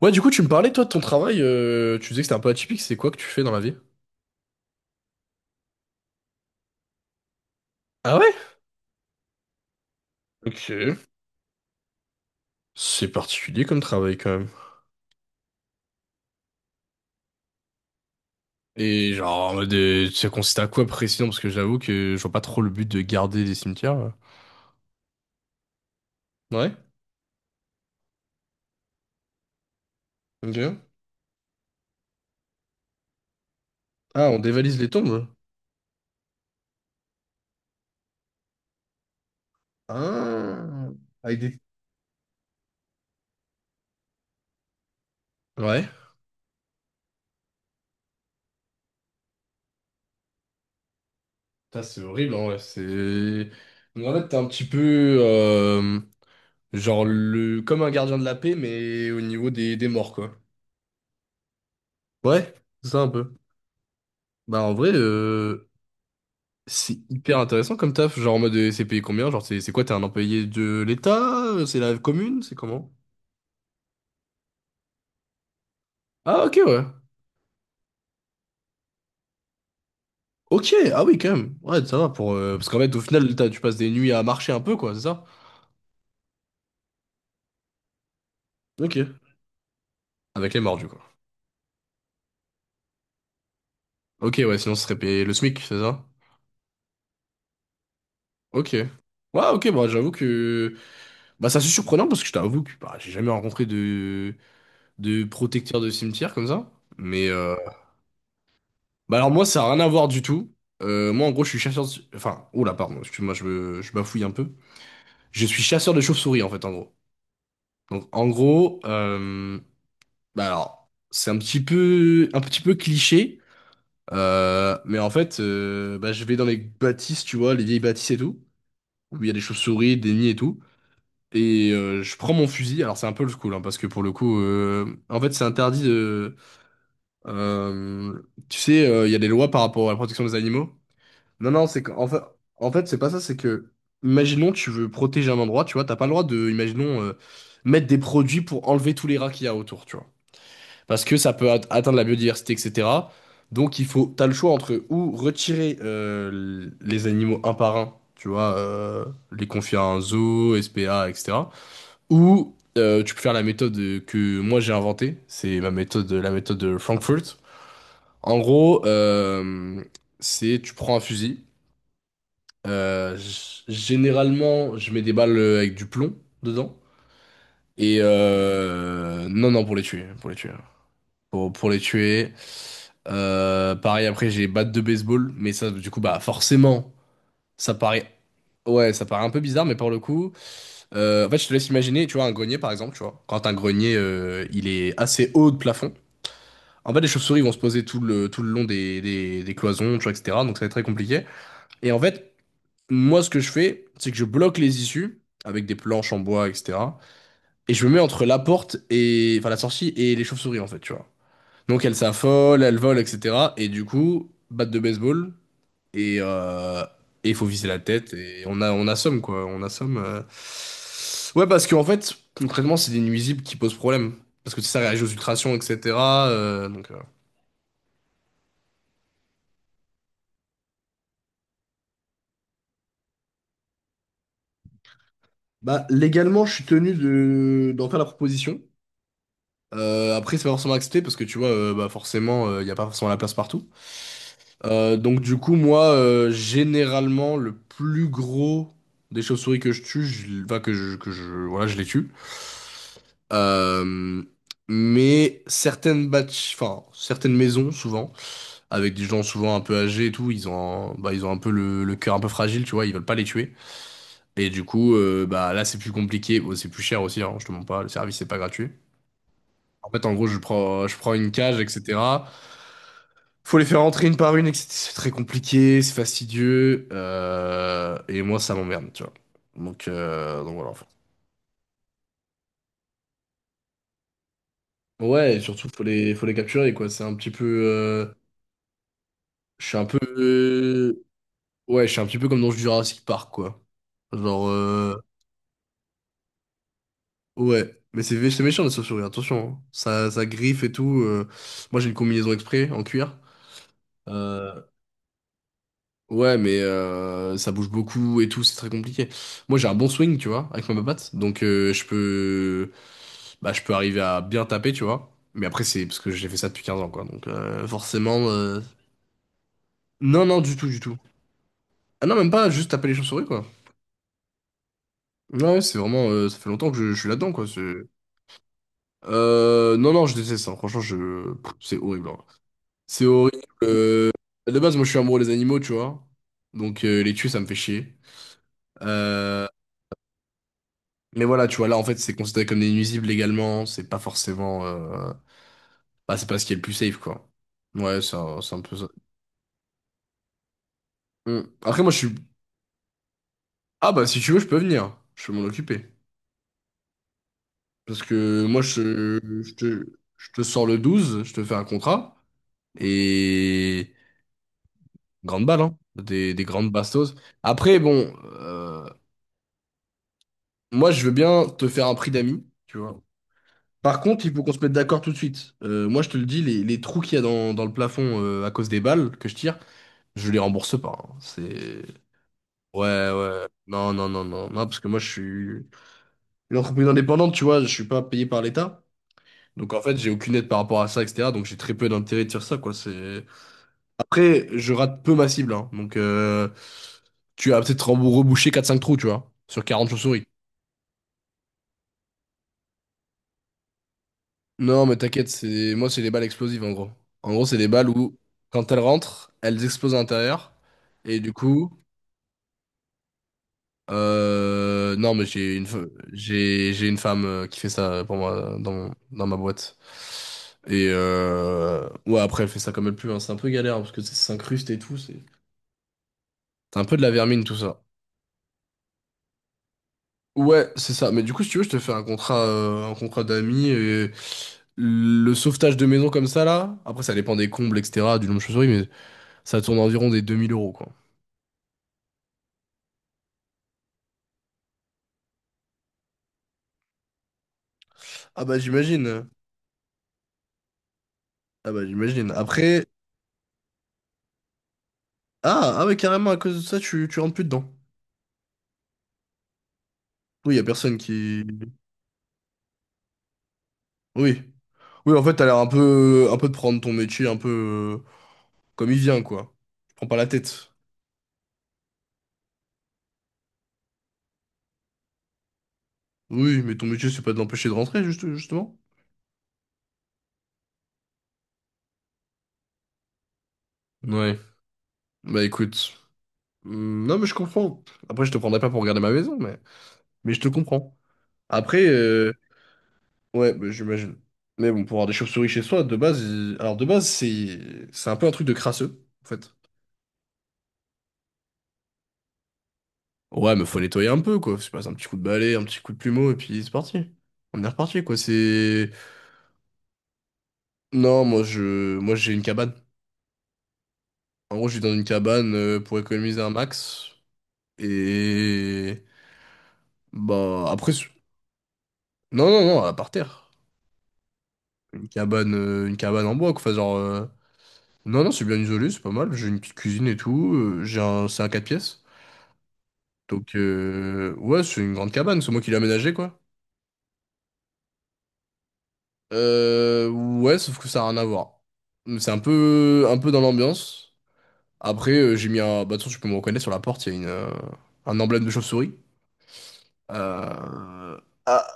Ouais, du coup, tu me parlais, toi, de ton travail. Tu disais que c'était un peu atypique. C'est quoi que tu fais dans la vie? Ah ouais? Ok. C'est particulier comme travail, quand même. Et genre, en mode, ça consiste à quoi précisément? Parce que j'avoue que je vois pas trop le but de garder des cimetières là. Ouais. Ok. Ah, on dévalise les tombes? Ah. Avec des... Ouais. Putain, c'est horrible, en vrai. C'est... Donc, en fait, t'es un petit peu... genre, le... comme un gardien de la paix, mais au niveau des morts, quoi. Ouais, c'est ça un peu. Bah, en vrai... C'est hyper intéressant comme taf, genre en mode c'est payé combien? Genre c'est quoi, t'es un employé de l'État? C'est la commune? C'est comment? Ah ok ouais. Ok, ah oui quand même. Ouais, ça va pour... Parce qu'en fait au final tu passes des nuits à marcher un peu quoi, c'est ça? Ok. Avec les mordus quoi. Ok ouais, sinon ce serait payé le SMIC, c'est ça? Ok. Ouais ok, bah j'avoue que... Bah ça c'est surprenant parce que je t'avoue que bah, j'ai jamais rencontré de protecteur de cimetière comme ça. Mais... Bah alors moi, ça n'a rien à voir du tout. Moi, en gros, je suis chasseur de... Enfin, oula, pardon, excuse-moi, je bafouille un peu. Je suis chasseur de chauves-souris, en fait, en gros. Donc, en gros, bah alors, c'est un petit peu cliché, mais en fait, bah, je vais dans les bâtisses, tu vois, les vieilles bâtisses et tout, où il y a des chauves-souris, des nids et tout, et je prends mon fusil. Alors, c'est un peu le cool, hein, parce que pour le coup, en fait, c'est interdit de... euh, tu sais, il y a des lois par rapport à la protection des animaux. Non, non, c'est qu'en fait, en fait, c'est pas ça, c'est que, imaginons, tu veux protéger un endroit, tu vois, t'as pas le droit de, imaginons, mettre des produits pour enlever tous les rats qu'il y a autour, tu vois. Parce que ça peut atteindre la biodiversité, etc. Donc, il faut, t'as le choix entre ou retirer les animaux un par un, tu vois, les confier à un zoo, SPA, etc. Ou tu peux faire la méthode que moi j'ai inventée, c'est ma méthode, la méthode de Frankfurt. En gros, c'est tu prends un fusil. Généralement, je mets des balles avec du plomb dedans. Et non, non, pour les tuer, pour les tuer, pour les tuer. Pareil, après, j'ai batte de baseball, mais ça, du coup, bah, forcément, ça paraît, ouais, ça paraît un peu bizarre, mais pour le coup, en fait, je te laisse imaginer, tu vois, un grenier, par exemple, tu vois, quand un grenier, il est assez haut de plafond. En fait, les chauves-souris vont se poser tout le long des cloisons, tu vois, etc. Donc, ça va être très compliqué. Et en fait, moi, ce que je fais, c'est que je bloque les issues avec des planches en bois, etc. Et je me mets entre la porte et, enfin, la sortie et les chauves-souris, en fait, tu vois. Donc, elles s'affolent, elles volent, etc. Et du coup, batte de baseball et il faut viser la tête et on assomme, quoi. On assomme. Ouais, parce qu'en fait, concrètement, c'est des nuisibles qui posent problème. Parce que tu sais, ça réagit aux ultrations, etc. Donc, Bah, légalement, je suis tenu de... d'en faire la proposition. Après, c'est pas forcément accepté parce que tu vois, bah forcément, il n'y a pas forcément la place partout. Donc, du coup, moi, généralement, le plus gros des chauves-souris que je tue, je, enfin, que je, voilà, je les tue. Euh, mais certaines batch, enfin, certaines maisons, souvent, avec des gens souvent un peu âgés et tout, bah, ils ont un peu le cœur un peu fragile, tu vois, ils veulent pas les tuer. Et du coup, bah là, c'est plus compliqué. Bon, c'est plus cher aussi, hein, je te mens pas, le service, c'est pas gratuit. En fait, en gros, je prends une cage, etc. Faut les faire entrer une par une, etc. C'est très compliqué, c'est fastidieux, et moi ça m'emmerde, tu vois. Donc voilà. Enfin. Ouais, et surtout faut les capturer, quoi. C'est un petit peu, je suis un peu, ouais, je suis un petit peu comme dans Jurassic Park, quoi. Genre, ouais, mais c'est méchant les chauves-souris, attention, hein. Ça griffe et tout. Moi j'ai une combinaison exprès en cuir. euh, Ouais, mais ça bouge beaucoup et tout, c'est très compliqué. Moi, j'ai un bon swing, tu vois, avec ma patte, donc je peux, bah, je peux arriver à bien taper, tu vois. Mais après, c'est parce que j'ai fait ça depuis 15 ans, quoi. Donc non, non, du tout, du tout. Ah non, même pas, juste taper les chauves-souris, quoi. Ouais, ouais, c'est vraiment, ça fait longtemps que je suis là-dedans, quoi. Non, non, je déteste ça. Franchement, pff, c'est horrible, hein. C'est horrible. De base, moi, je suis amoureux des animaux, tu vois. Donc les tuer, ça me fait chier. Euh... Mais voilà, tu vois, là, en fait, c'est considéré comme des nuisibles légalement, c'est pas forcément... bah, c'est pas ce qui est le plus safe, quoi. Ouais, c'est un peu ça. Hmm. Après, moi, je suis... Ah, bah, si tu veux, je peux venir. Je peux m'en occuper. Parce que moi, je te sors le douze, je te fais un contrat, et... Grande balle, hein. Des grandes bastos. Après, bon, euh, moi, je veux bien te faire un prix d'amis, tu vois. Par contre, il faut qu'on se mette d'accord tout de suite. Moi, je te le dis, les trous qu'il y a dans le plafond à cause des balles que je tire, je les rembourse pas, hein. C'est. Ouais, ouais. Non, non, non, non. Non, parce que moi, je suis une entreprise indépendante, tu vois, je suis pas payé par l'État. Donc, en fait, j'ai aucune aide par rapport à ça, etc. Donc, j'ai très peu d'intérêt de faire ça, quoi. C'est... Après, je rate peu ma cible, hein. Donc, tu vas peut-être reboucher quatre cinq trous, tu vois, sur 40 chauves-souris. Non, mais t'inquiète, c'est... moi, c'est les balles explosives, en gros. En gros, c'est des balles où, quand elles rentrent, elles explosent à l'intérieur. Et du coup. Non, mais j'ai une femme qui fait ça pour moi dans ma boîte. Et ouais, après, elle fait ça comme elle peut, hein. C'est un peu galère hein, parce que ça s'incruste et tout. C'est un peu de la vermine, tout ça. Ouais, c'est ça. Mais du coup, si tu veux, je te fais un contrat d'amis et le sauvetage de maison comme ça, là. Après, ça dépend des combles, etc., du nombre de chauves-souris, mais ça tourne environ des 2 000 euros, quoi. Ah bah, j'imagine. Ah bah, j'imagine. Après. Ah, ah ouais, carrément, à cause de ça, tu rentres plus dedans. Oui, y a personne qui. Oui. Oui, en fait, t'as l'air un peu de prendre ton métier un peu comme il vient, quoi. Tu prends pas la tête. Oui, mais ton métier, c'est pas de l'empêcher de rentrer, juste, justement. Ouais. Bah écoute. Hmm, non, mais je comprends. Après, je te prendrai pas pour regarder ma maison, mais je te comprends. Après, ouais, bah, j'imagine. Mais bon, pour avoir des chauves-souris chez soi, de base, alors de base, c'est un peu un truc de crasseux, en fait. Ouais, mais faut nettoyer un peu, quoi. C'est pas un petit coup de balai, un petit coup de plumeau, et puis c'est parti. On est reparti, quoi. C'est. Non, moi j'ai une cabane. En gros, je vis dans une cabane pour économiser un max. Et bah après non non non, à par terre. Une cabane en bois quoi. Enfin, genre non non, c'est bien isolé, c'est pas mal. J'ai une petite cuisine et tout, j'ai un c'est un 4 pièces. Donc ouais, c'est une grande cabane, c'est moi qui l'ai aménagée quoi. Ouais, sauf que ça a rien à voir. C'est un peu dans l'ambiance. Après j'ai mis un bah de toute façon, tu peux me reconnaître sur la porte, il y a une un emblème de chauve-souris. Euh, Ah,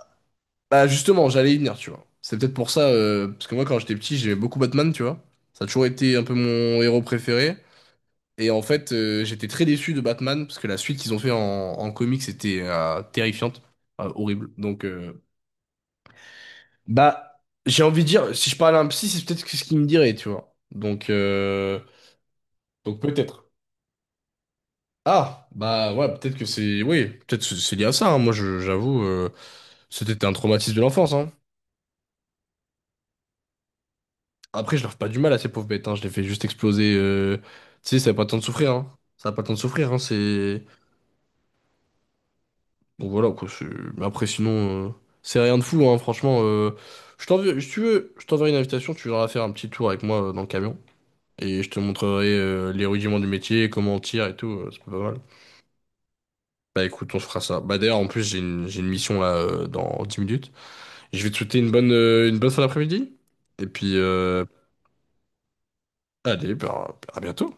bah justement, j'allais y venir, tu vois. C'est peut-être pour ça, parce que moi, quand j'étais petit, j'aimais beaucoup Batman, tu vois. Ça a toujours été un peu mon héros préféré. Et en fait, j'étais très déçu de Batman, parce que la suite qu'ils ont fait en comics était terrifiante, horrible. Donc, bah, j'ai envie de dire, si je parlais à un psy, c'est peut-être ce qu'il me dirait, tu vois. Donc peut-être. Ah, bah ouais, peut-être que c'est... Oui, peut-être que c'est lié à ça, hein. Moi, j'avoue, c'était un traumatisme de l'enfance, hein. Après, je leur fais pas du mal à ces pauvres bêtes, hein. Je les fais juste exploser. Tu sais, ça n'a pas le temps de souffrir, hein. Ça n'a pas le temps de souffrir, hein. C'est... Bon, voilà, quoi. Mais après, sinon, c'est rien de fou, hein. Franchement, je t'enverrai, si tu veux, je t'enverrai une invitation. Tu viendras faire un petit tour avec moi dans le camion. Et je te montrerai les rudiments du métier, comment on tire et tout. C'est pas mal. Bah écoute, on se fera ça. Bah d'ailleurs, en plus, j'ai une mission là dans 10 minutes. Je vais te souhaiter une bonne fin d'après-midi. Et puis, allez, bah, à bientôt.